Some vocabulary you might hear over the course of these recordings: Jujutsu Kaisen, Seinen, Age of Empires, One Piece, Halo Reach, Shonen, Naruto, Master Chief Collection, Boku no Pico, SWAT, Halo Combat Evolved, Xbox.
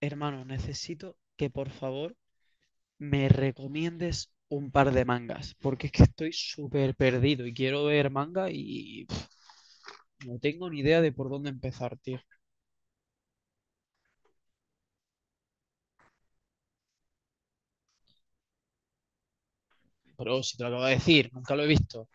Hermano, necesito que por favor me recomiendes un par de mangas, porque es que estoy súper perdido y quiero ver manga y pff, no tengo ni idea de por dónde empezar, tío. Pero si te lo acabo de decir, nunca lo he visto.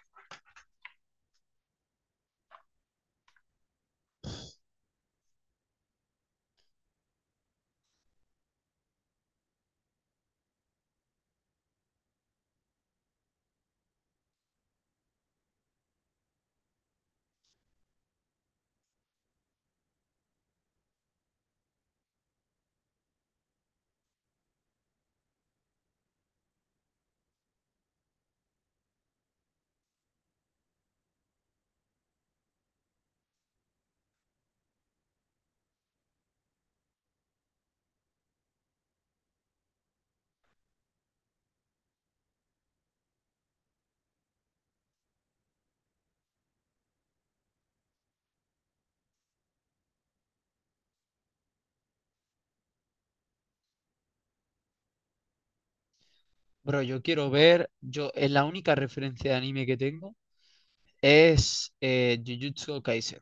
Bro, yo quiero ver, yo es la única referencia de anime que tengo es Jujutsu Kaisen.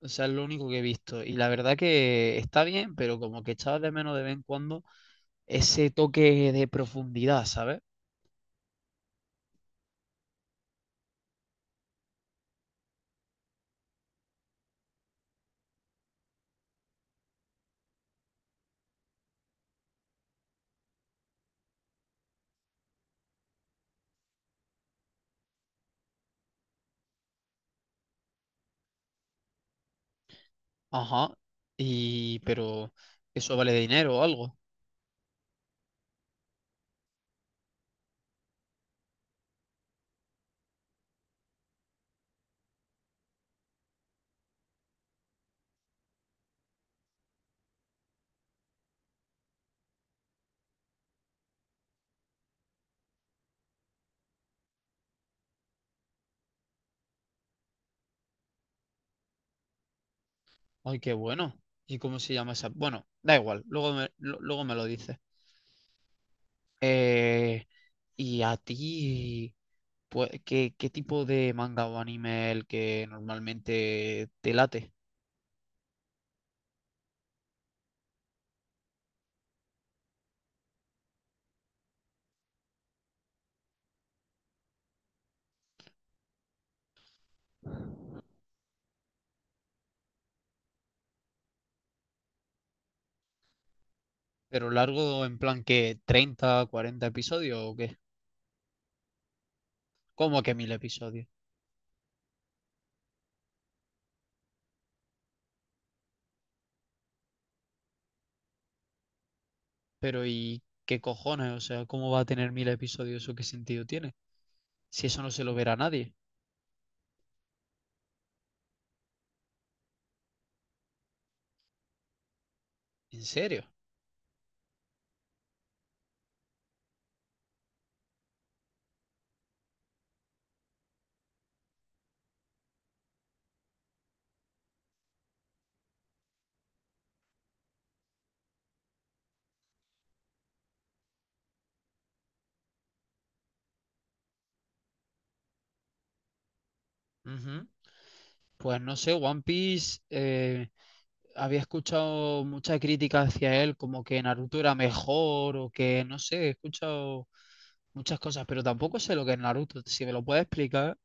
O sea, es lo único que he visto. Y la verdad que está bien, pero como que echaba de menos de vez en cuando ese toque de profundidad, ¿sabes? Ajá. Y, pero, ¿eso vale dinero o algo? Ay, qué bueno. ¿Y cómo se llama esa? Bueno, da igual, luego me lo dices. Eh, ¿Y a ti, pues, qué tipo de manga o anime el que normalmente te late? ¿Pero largo en plan que treinta cuarenta episodios o qué? ¿Cómo que mil episodios? Pero ¿y qué cojones? O sea, ¿cómo va a tener mil episodios? ¿Eso qué sentido tiene? Si eso no se lo verá nadie. ¿En serio? Ujú. Pues no sé, One Piece había escuchado mucha crítica hacia él, como que Naruto era mejor o que no sé, he escuchado muchas cosas, pero tampoco sé lo que es Naruto, si me lo puedes explicar.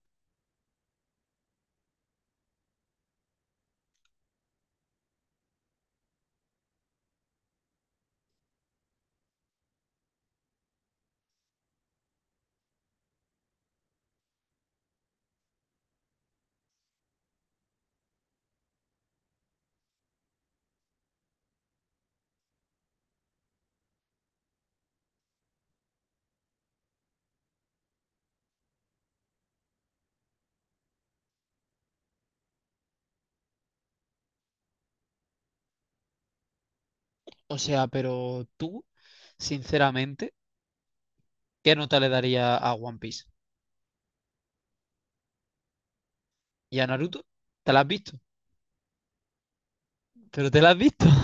O sea, pero tú, sinceramente, ¿qué nota le daría a One Piece? ¿Y a Naruto? ¿Te la has visto? ¿Pero te la has visto?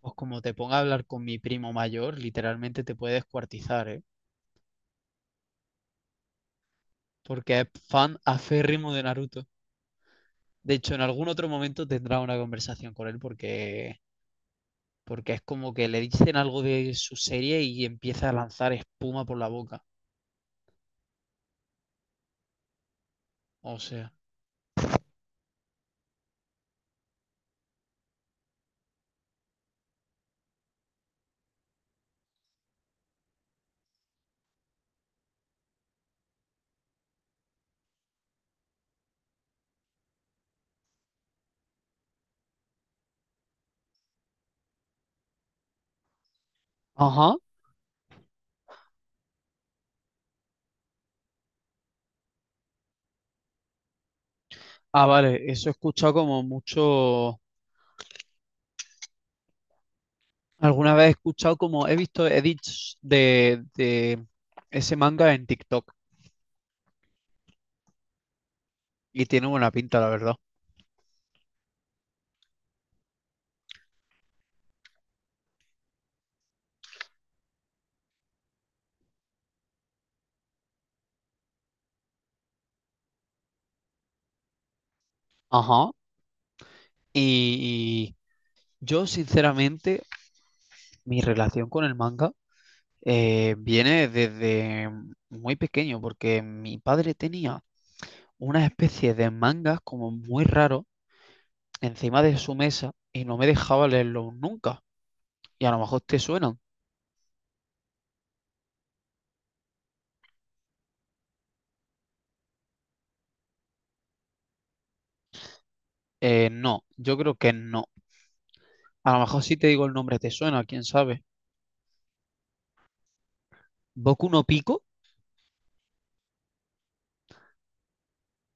Pues como te ponga a hablar con mi primo mayor, literalmente te puede descuartizar, ¿eh? Porque es fan aférrimo de Naruto. De hecho, en algún otro momento tendrá una conversación con él porque es como que le dicen algo de su serie y empieza a lanzar espuma por la boca. O sea. Ajá. Ah, vale. Eso he escuchado como mucho. Alguna vez he escuchado como he visto edits de ese manga en TikTok y tiene buena pinta, la verdad. Ajá. Y yo, sinceramente, mi relación con el manga viene desde muy pequeño, porque mi padre tenía una especie de mangas como muy raro encima de su mesa y no me dejaba leerlos nunca. Y a lo mejor te suenan. No, yo creo que no. A lo mejor si te digo el nombre te suena, quién sabe. Boku no Pico,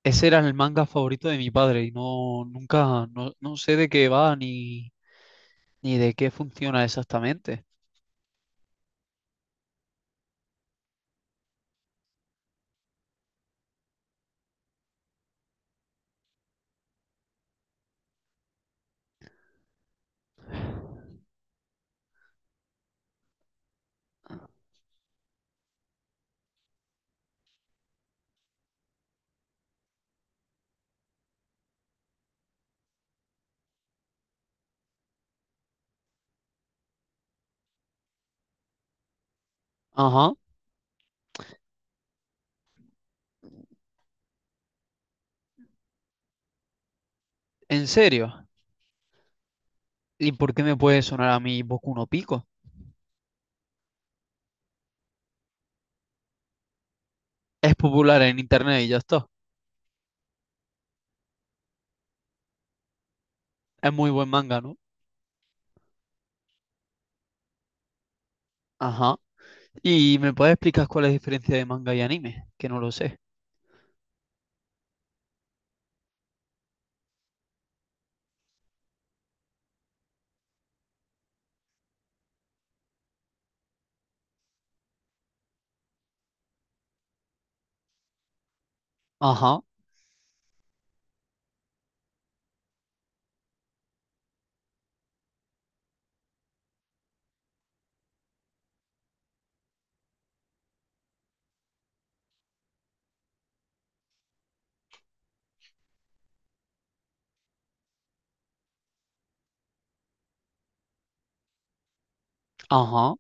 ese era el manga favorito de mi padre y no, nunca, no, no sé de qué va ni de qué funciona exactamente. Ajá, en serio. ¿Y por qué me puede sonar a mí Boku no Pico? Es popular en internet y ya está. Es muy buen manga, ¿no? Ajá. ¿Y me puedes explicar cuál es la diferencia de manga y anime? Que no lo sé. Ajá, ajá.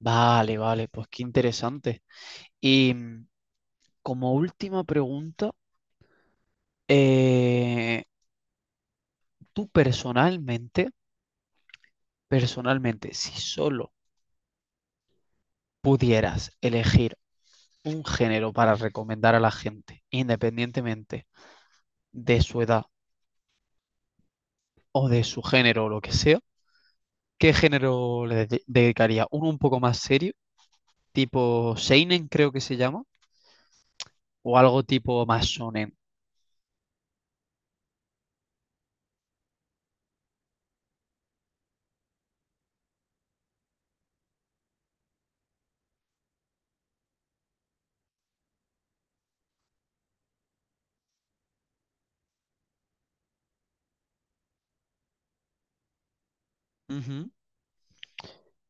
Vale, vale, pues qué interesante. Y como última pregunta, eh, tú personalmente, personalmente, si solo pudieras elegir un género para recomendar a la gente, independientemente de su edad o de su género o lo que sea, ¿qué género dedicaría? Uno un poco más serio, tipo Seinen creo que se llama, o algo tipo más shonen. Ujú.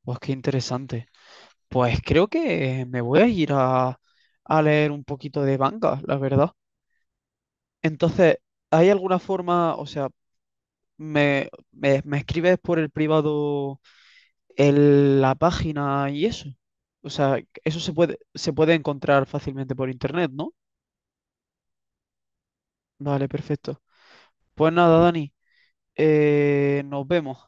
Pues qué interesante. Pues creo que me voy a ir a leer un poquito de manga, la verdad. Entonces, ¿hay alguna forma, o sea, me escribes por el privado la página y eso? O sea, se puede encontrar fácilmente por internet, ¿no? Vale, perfecto. Pues nada, Dani, nos vemos.